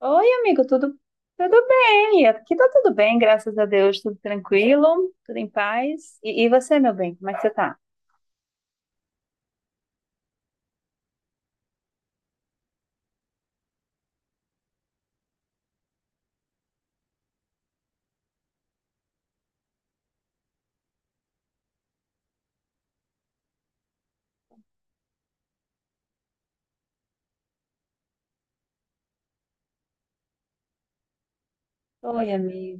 Oi, amigo, tudo bem? Aqui tá tudo bem, graças a Deus, tudo tranquilo, tudo em paz. E você, meu bem, como é que você tá? Oi, amigo.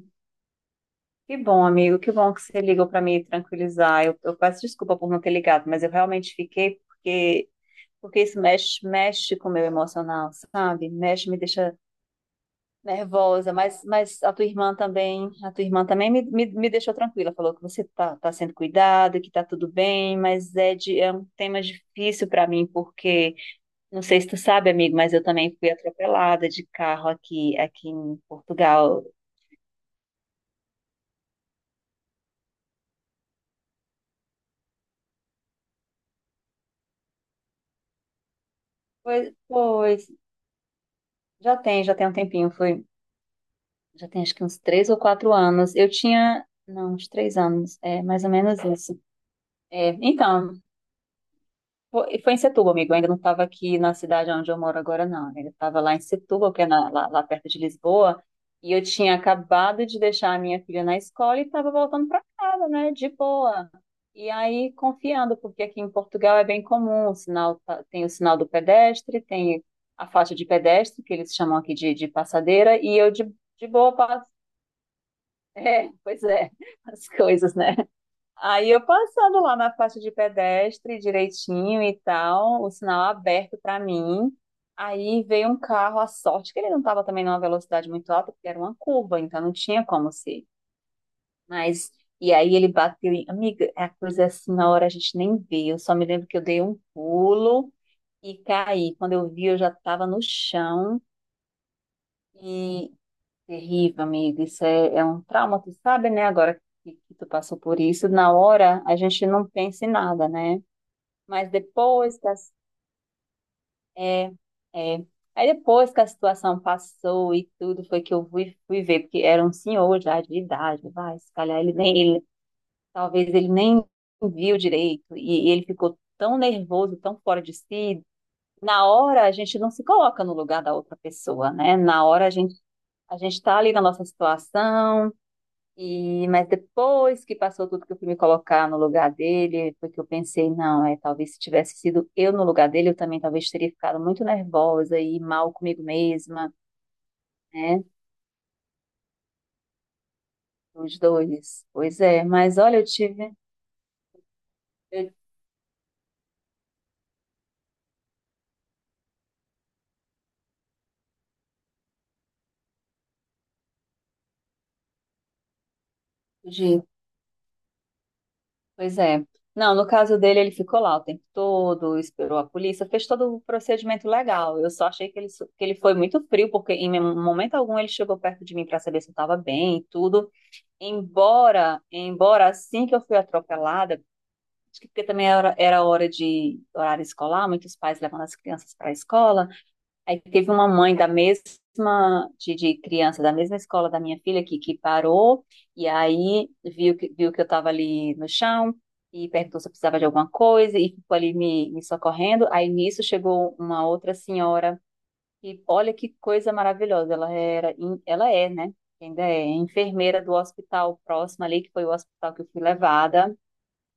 Que bom, amigo, que bom que você ligou para me tranquilizar. Eu peço desculpa por não ter ligado, mas eu realmente fiquei porque isso mexe, mexe com o meu emocional, sabe? Mexe, me deixa nervosa, mas a tua irmã também, a tua irmã também me deixou tranquila, falou que você tá sendo cuidado, que tá tudo bem, mas é um tema difícil para mim, porque, não sei se tu sabe, amigo, mas eu também fui atropelada de carro aqui, aqui em Portugal. Pois, já tem um tempinho, já tem acho que uns 3 ou 4 anos, eu tinha, não, uns 3 anos, é mais ou menos isso. É, então, foi em Setúbal, amigo. Eu ainda não estava aqui na cidade onde eu moro agora, não. Eu ainda estava lá em Setúbal, que é lá, lá perto de Lisboa. E eu tinha acabado de deixar a minha filha na escola e estava voltando para casa, né? De boa. E aí, confiando, porque aqui em Portugal é bem comum, o sinal, tem o sinal do pedestre, tem a faixa de pedestre, que eles chamam aqui de passadeira, e eu de boa passo. É, pois é, as coisas, né? Aí eu passando lá na faixa de pedestre direitinho e tal, o sinal aberto pra mim. Aí veio um carro, a sorte que ele não estava também numa velocidade muito alta, porque era uma curva, então não tinha como ser. Mas e aí ele bateu, amiga, é a coisa é assim, na hora a gente nem vê. Eu só me lembro que eu dei um pulo e caí. Quando eu vi, eu já estava no chão e terrível, amiga. Isso é, é um trauma, tu sabe, né? Agora que tu passou por isso, na hora a gente não pensa em nada, né? Mas depois que a, é, é. Aí depois que a situação passou e tudo, foi que eu fui ver, porque era um senhor já de idade, vai, se calhar ele nem, ele, talvez ele nem viu direito, e ele ficou tão nervoso, tão fora de si. Na hora a gente não se coloca no lugar da outra pessoa, né? Na hora a gente está ali na nossa situação, e, mas depois que passou tudo que eu fui me colocar no lugar dele, foi que eu pensei, não, é, talvez se tivesse sido eu no lugar dele, eu também talvez teria ficado muito nervosa e mal comigo mesma, né? Os dois. Pois é, mas olha, eu fugi. Pois é. Não, no caso dele, ele ficou lá o tempo todo, esperou a polícia, fez todo o procedimento legal. Eu só achei que que ele foi muito frio, porque em momento algum ele chegou perto de mim para saber se eu estava bem e tudo. Embora assim que eu fui atropelada, acho que porque também era hora de horário escolar, muitos pais levando as crianças para a escola. Aí teve uma mãe da mesma, de criança da mesma escola da minha filha que parou, e aí viu que eu estava ali no chão e perguntou se eu precisava de alguma coisa e ficou ali me socorrendo. Aí nisso chegou uma outra senhora e olha que coisa maravilhosa, ela é, né? Ainda é enfermeira do hospital próximo ali, que foi o hospital que eu fui levada.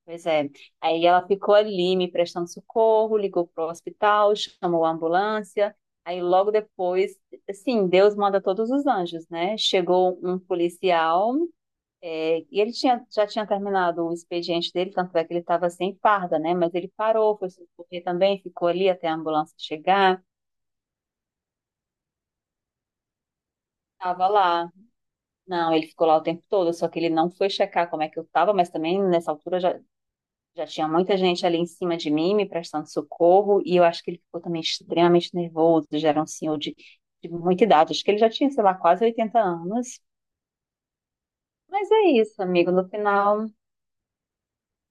Pois é. Aí ela ficou ali me prestando socorro, ligou pro hospital, chamou a ambulância. Aí logo depois, assim, Deus manda todos os anjos, né? Chegou um policial, é, e já tinha terminado o expediente dele, tanto é que ele estava sem farda, né? Mas ele parou, foi socorrer também, ficou ali até a ambulância chegar. Estava lá. Não, ele ficou lá o tempo todo, só que ele não foi checar como é que eu tava, mas também nessa altura já tinha muita gente ali em cima de mim me prestando socorro, e eu acho que ele ficou também extremamente nervoso, já era um senhor de muita idade, acho que ele já tinha, sei lá, quase 80 anos. Mas é isso, amigo, no final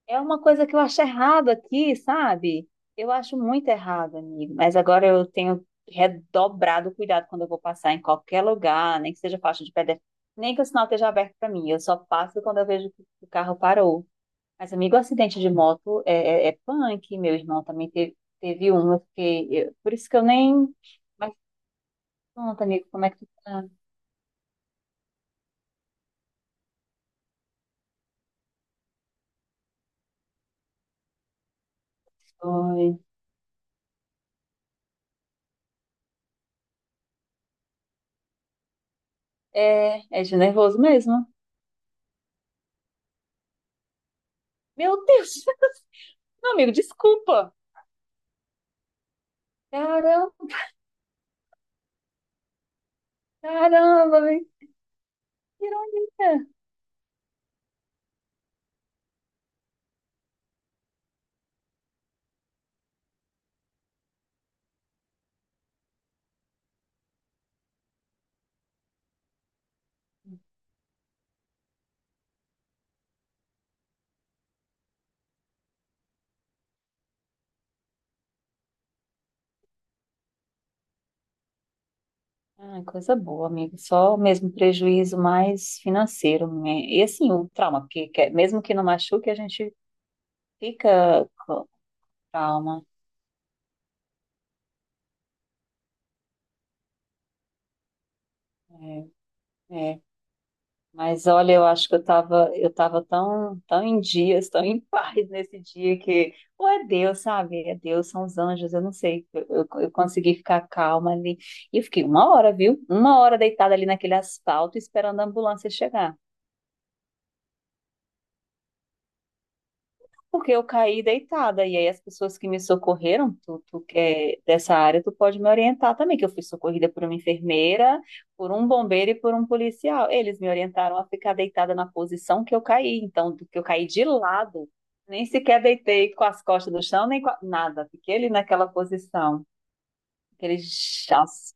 é uma coisa que eu acho errado aqui, sabe? Eu acho muito errado, amigo. Mas agora eu tenho redobrado o cuidado quando eu vou passar em qualquer lugar, nem que seja faixa de pedestre, nem que o sinal esteja aberto para mim. Eu só passo quando eu vejo que o carro parou. Mas, amigo, o acidente de moto é, é punk. Meu irmão também teve um. Por isso que eu nem. Mas pronto, amigo, como é que tu tá? Foi. É, é de nervoso mesmo. Meu Deus! Não, amigo, desculpa. Caramba! Caramba, velho, que ironia. Ah, coisa boa, amigo. Só o mesmo prejuízo mais financeiro, né? E assim, o trauma, mesmo que não machuque, a gente fica com trauma. É, é. Mas olha, eu acho que eu tava tão, tão em dias, tão em paz nesse dia que, ou é Deus, sabe? É Deus, são os anjos, eu não sei. Eu consegui ficar calma ali. E eu fiquei uma hora, viu? Uma hora deitada ali naquele asfalto esperando a ambulância chegar. Porque eu caí deitada, e aí as pessoas que me socorreram, tu que é dessa área, tu pode me orientar também, que eu fui socorrida por uma enfermeira, por um bombeiro e por um policial. Eles me orientaram a ficar deitada na posição que eu caí, então, do que eu caí de lado, nem sequer deitei com as costas no chão, nem com nada, fiquei ali naquela posição, aquele chás.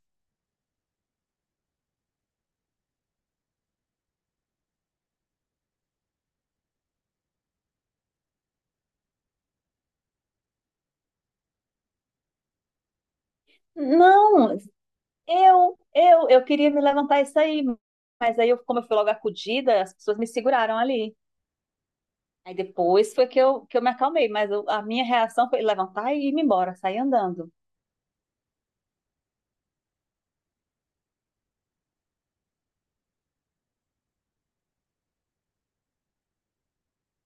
Não, eu queria me levantar isso aí, mas aí, eu, como eu fui logo acudida, as pessoas me seguraram ali. Aí depois foi que eu me acalmei, mas a minha reação foi levantar e ir me embora, sair andando.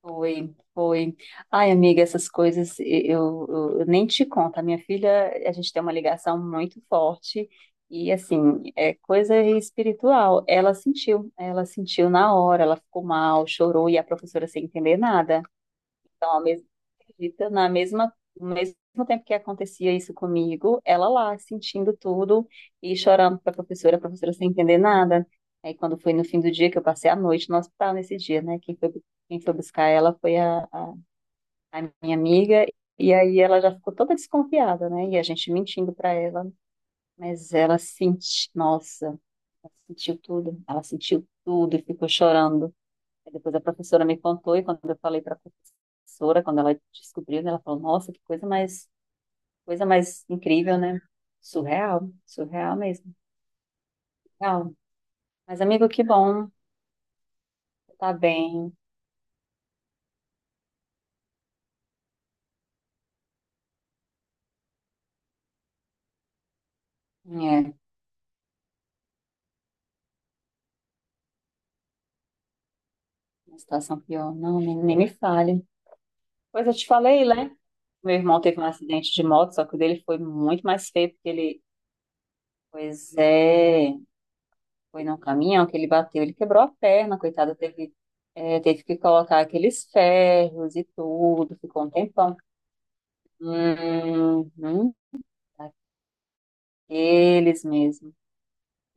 Foi. Ai, amiga, essas coisas, eu nem te conto. A minha filha, a gente tem uma ligação muito forte e, assim, é coisa espiritual. Ela sentiu na hora, ela ficou mal, chorou e a professora sem entender nada. Então, ao mesmo, acredita, na mesma, no mesmo tempo que acontecia isso comigo, ela lá sentindo tudo e chorando para a professora sem entender nada. Aí, quando foi no fim do dia, que eu passei a noite no hospital nesse dia, né? Quem foi buscar ela foi a minha amiga. E aí ela já ficou toda desconfiada, né? E a gente mentindo para ela. Mas ela sentiu, nossa, ela sentiu tudo. Ela sentiu tudo e ficou chorando. Aí depois a professora me contou e quando eu falei para a professora, quando ela descobriu, né, ela falou: "Nossa, que coisa mais incrível, né? Surreal, surreal mesmo. Real. Mas amigo, que bom, tá bem. É, uma situação pior, não, nem me fale. Pois eu te falei, né? Meu irmão teve um acidente de moto, só que o dele foi muito mais feio porque ele, pois é, foi num caminhão que ele bateu, ele quebrou a perna, coitado, teve que colocar aqueles ferros e tudo, ficou um tempão. Uhum, aqueles mesmo.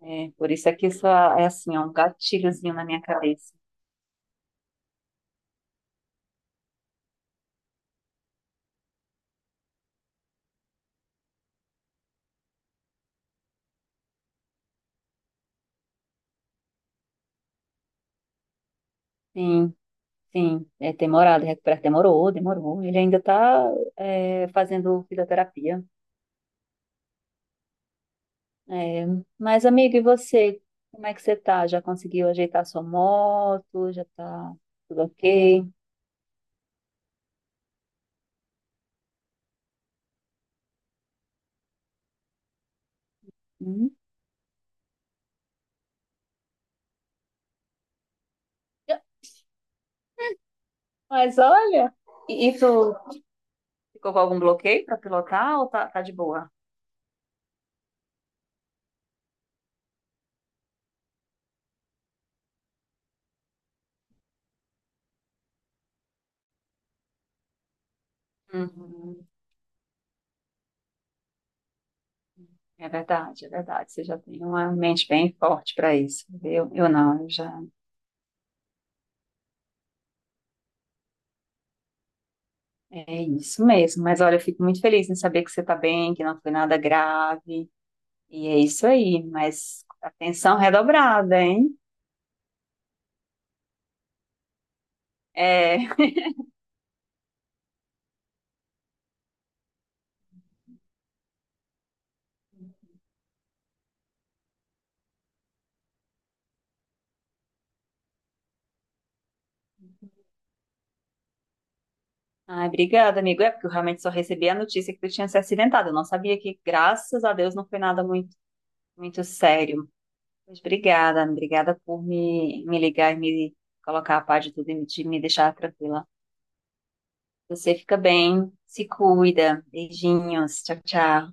É, por isso é que isso é assim, é um gatilhozinho na minha cabeça. Sim, sim, é demorado, é recuperar demorou, demorou. Ele ainda está fazendo fisioterapia. É, mas, amigo, e você? Como é que você tá? Já conseguiu ajeitar sua moto? Já tá tudo ok? Uhum. Mas olha, e tu ficou com algum bloqueio para pilotar ou tá de boa? Uhum. É verdade, é verdade. Você já tem uma mente bem forte para isso. Eu não, eu já. É isso mesmo. Mas olha, eu fico muito feliz em saber que você está bem, que não foi nada grave. E é isso aí. Mas atenção redobrada, hein? É. Ai, obrigada, amigo. É porque eu realmente só recebi a notícia que tu tinha se acidentado. Eu não sabia que, graças a Deus, não foi nada muito, muito sério. Mas obrigada, obrigada por me ligar e me colocar a par de tudo e de me deixar tranquila. Você fica bem, se cuida. Beijinhos, tchau, tchau.